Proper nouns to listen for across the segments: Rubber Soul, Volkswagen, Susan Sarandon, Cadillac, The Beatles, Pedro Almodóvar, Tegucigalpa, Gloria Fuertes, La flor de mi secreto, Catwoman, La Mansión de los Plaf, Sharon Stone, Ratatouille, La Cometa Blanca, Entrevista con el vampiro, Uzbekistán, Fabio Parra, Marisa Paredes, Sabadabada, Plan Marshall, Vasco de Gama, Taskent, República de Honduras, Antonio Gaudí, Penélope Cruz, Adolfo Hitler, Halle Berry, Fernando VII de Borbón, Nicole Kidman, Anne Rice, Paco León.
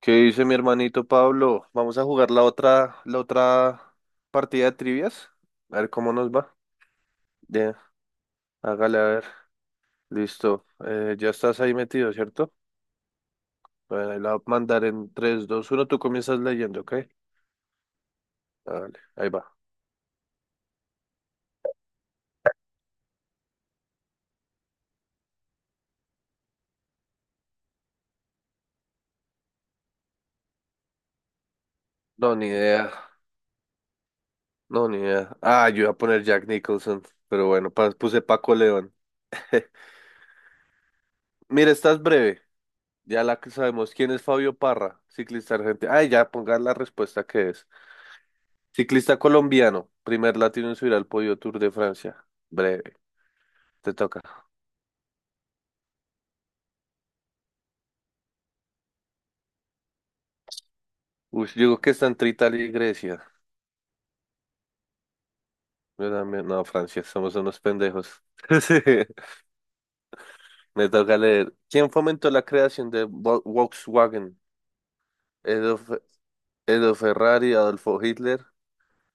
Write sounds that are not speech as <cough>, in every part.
¿Qué dice mi hermanito Pablo? Vamos a jugar la otra partida de trivias. A ver cómo nos va. Ya, hágale a ver. Listo. Ya estás ahí metido, ¿cierto? Bueno, ahí la voy a mandar en tres, dos, uno. Tú comienzas leyendo, ¿ok? Dale, ahí va. No, ni idea. No, ni idea. Ah, yo iba a poner Jack Nicholson. Pero bueno, puse Paco León. <laughs> Mira, estás breve. Ya la que sabemos. ¿Quién es Fabio Parra? Ciclista argentino. Ay, ya pongan la respuesta que es. Ciclista colombiano, primer latino en subir al podio Tour de Francia. Breve, te toca. Uy, yo digo que está entre Italia y Grecia. No, Francia, somos unos pendejos. <laughs> Sí, me toca leer. ¿Quién fomentó la creación de Volkswagen? Edo, Fe- Edo Ferrari, Adolfo Hitler,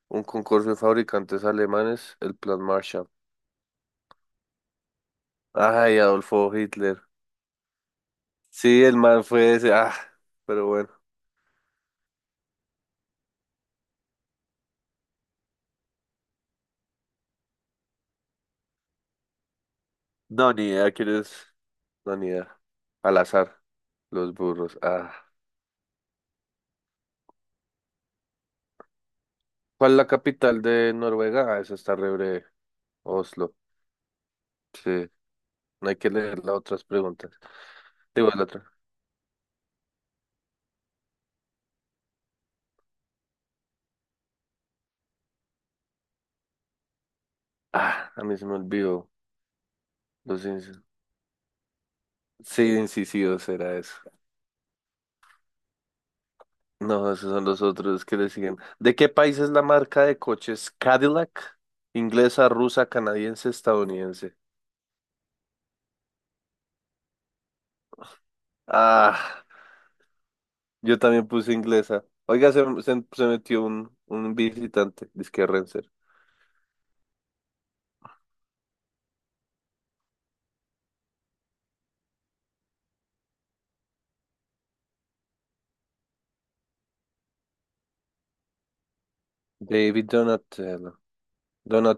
un concurso de fabricantes alemanes, el Plan Marshall. Ay, Adolfo Hitler. Sí, el man fue ese. Ah, pero bueno. No, ni idea quién es. No, ni idea. Al azar, los burros. Ah. ¿Cuál es la capital de Noruega? Ah, esa está re breve. Oslo. Sí, no hay que leer las otras preguntas. Digo, la otra. Ah, a mí se me olvidó. Los incis- sí, incisivos era eso. No, esos son los otros que le siguen. ¿De qué país es la marca de coches Cadillac? Inglesa, rusa, canadiense, estadounidense. Ah, yo también puse inglesa. Oiga, se metió un visitante, disque Renzer. David Donatello. Donat,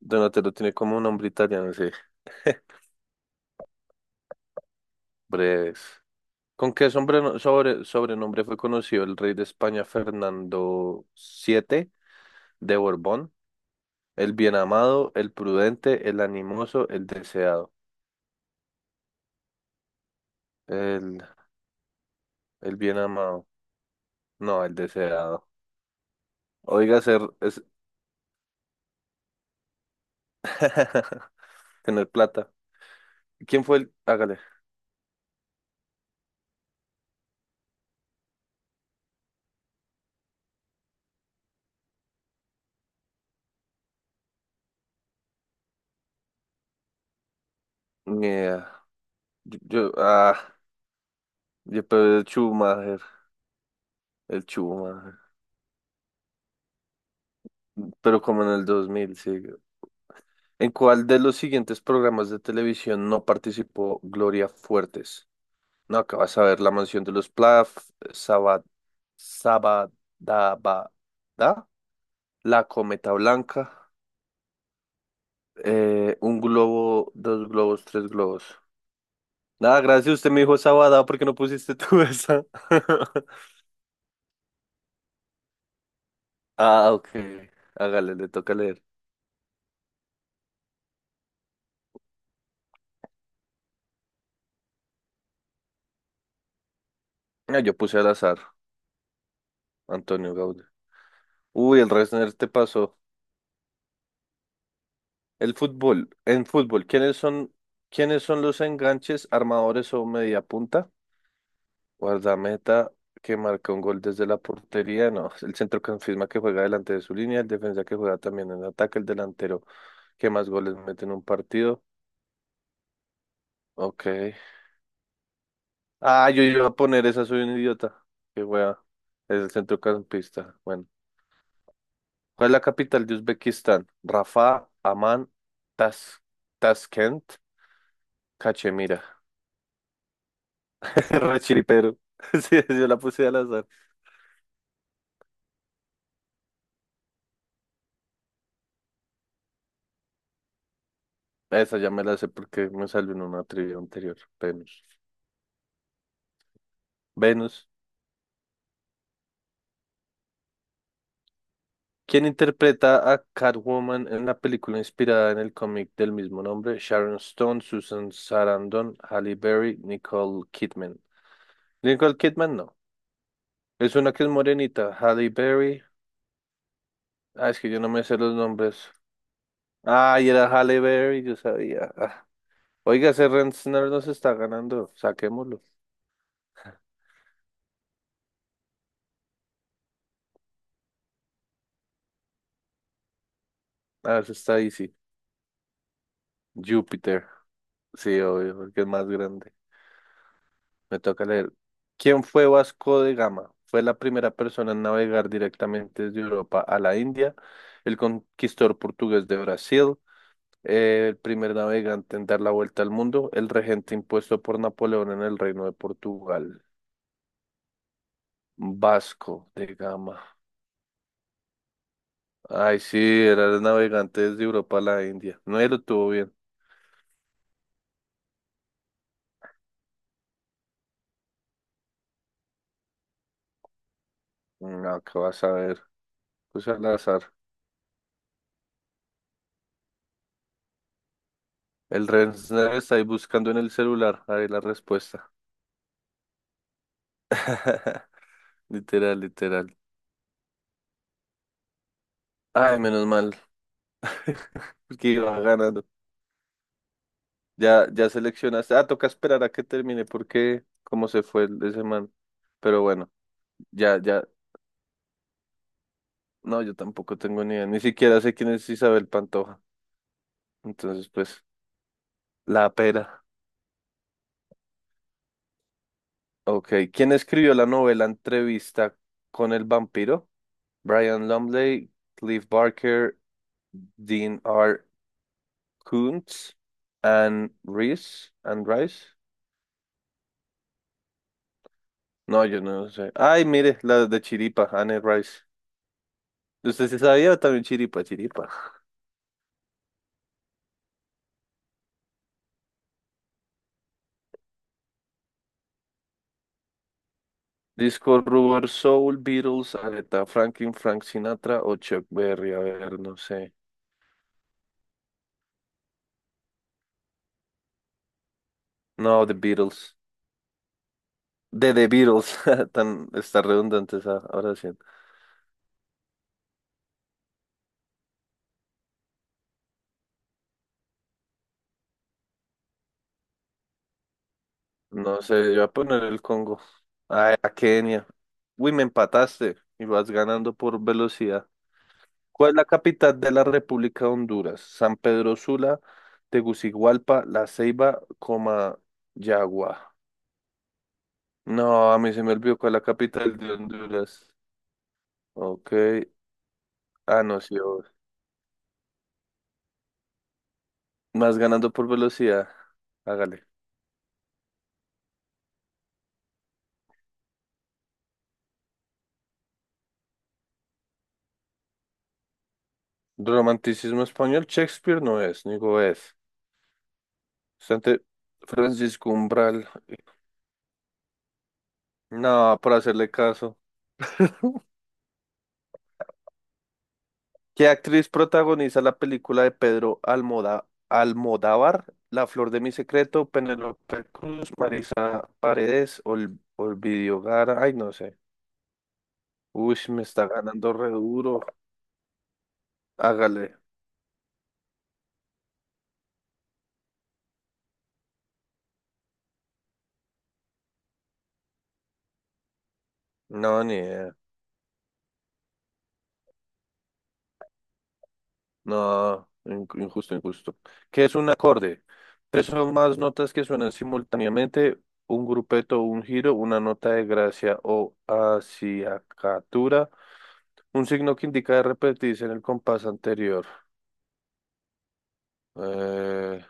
Donatello tiene como un nombre italiano, sí. Breves. ¿Con qué sobrenombre fue conocido el rey de España Fernando VII de Borbón? El bien amado, el prudente, el animoso, el deseado. El, el bien amado. No, el deseado. Oiga, ser... Es... <laughs> Tener plata. ¿Quién fue el...? Hágale. Ni idea. Yo... yo- ah, yo, pero el Schumacher. El Schumacher. Pero como en el 2000, sí. ¿En cuál de los siguientes programas de televisión no participó Gloria Fuertes? No, acabas a ver La Mansión de los Plaf, Sabadabada, La Cometa Blanca, un globo, dos globos, tres globos. Nada, gracias, usted me dijo Sabada porque no pusiste tú esa. <laughs> Ah, ok. Hágale, le toca leer. Ah, yo puse al azar, Antonio Gaudí. Uy, el Resner te pasó. El fútbol, en fútbol, ¿quiénes son los enganches, armadores o mediapunta? Guardameta que marca un gol desde la portería, no, <laughs> el centrocampista que juega delante de su línea, el defensa que juega también en ataque, el delantero que más goles mete en un partido. Ok. Ah, yo iba a poner esa, soy un idiota. Qué wea. Es el centrocampista. Bueno. ¿Cuál es la capital de Uzbekistán? Rafa, Amán, Tas Taskent, Cachemira. Rechiripero. <laughs> Sí, sí, yo la puse al azar. Esa ya me la sé porque me salió en una trivia anterior. Venus. Venus. ¿Quién interpreta a Catwoman en la película inspirada en el cómic del mismo nombre? Sharon Stone, Susan Sarandon, Halle Berry, Nicole Kidman. Nicole Kidman no. Es una que es morenita. Halle Berry. Ah, es que yo no me sé los nombres. Ah, y era Halle Berry, yo sabía. Ah. Oiga, ese Rensner nos está ganando. Saquémoslo. Ah, eso está easy. Júpiter. Sí, obvio, porque es más grande. Me toca leer. ¿Quién fue Vasco de Gama? Fue la primera persona en navegar directamente desde Europa a la India, el conquistador portugués de Brasil, el primer navegante en dar la vuelta al mundo, el regente impuesto por Napoleón en el Reino de Portugal. Vasco de Gama. Ay, sí, era el navegante desde Europa a la India. No, él lo tuvo bien. No, ¿qué vas a ver? Pues al azar. El Renner está ahí buscando en el celular. Ahí la respuesta. <laughs> Literal, literal. Ay, menos mal, <laughs> porque iba ganando. Ya, ya seleccionaste. Ah, toca esperar a que termine porque cómo se fue el de semana. Pero bueno, ya, ya. No, yo tampoco tengo ni idea. Ni siquiera sé quién es Isabel Pantoja. Entonces, pues, la pera. Ok. ¿Quién escribió la novela Entrevista con el vampiro? Brian Lumley, Cliff Barker, Dean R. Koontz, Anne Rice, Anne Rice. No, yo no sé. Ay, mire, la de Chiripa, Anne Rice. ¿Usted se sabía también Chiripa, Chiripa? Disco Rubber Soul, Beatles, Aretha Franklin, Frank Sinatra o Chuck Berry. A ver, no sé. No, The Beatles. De The Beatles. <laughs> Tan, está redundante esa, ahora sí. No sé, yo voy a poner el Congo. Ay, a Kenia. Uy, me empataste y vas ganando por velocidad. ¿Cuál es la capital de la República de Honduras? San Pedro Sula, Tegucigalpa, La Ceiba, coma, Yagua. No, a mí se me olvidó cuál es la capital de Honduras. Ok. Ah, no, sí, obvio. Más ganando por velocidad. Hágale. Romanticismo español, Shakespeare no es, ni es. Sante Francisco Umbral. No, por hacerle caso. ¿Qué actriz protagoniza la película de Pedro Almodóvar? La flor de mi secreto, Penélope Cruz, Marisa Paredes, Olvidio Gara. Ay, no sé. Uy, sí me está ganando re duro. Hágale. No, ni idea. No, injusto, injusto. ¿Qué es un acorde? Tres o más notas que suenan simultáneamente, un grupeto, un giro, una nota de gracia o acciacatura, un signo que indica de repetirse en el compás anterior. Eh,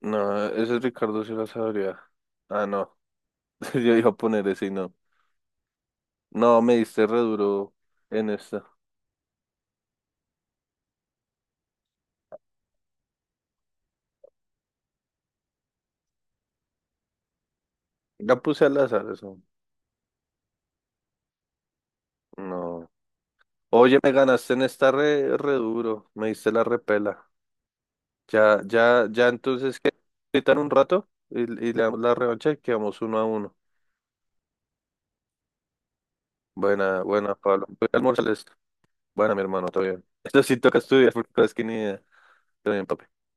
no, ese Ricardo sí lo sabría. Ah, no. <laughs> Yo iba a poner ese y no. No, me diste re duro en esta. La puse al azar, eso. No. Oye, me ganaste en esta re duro, me diste la repela. Ya, ya, ya, entonces, ¿qué? Quitan un rato y le damos la revancha y quedamos uno a uno. Buena, buena, Pablo. Voy a almorzarles. Buena, mi hermano, todo bien. Esto sí toca estudiar porque es que ni idea. Todo bien, papi.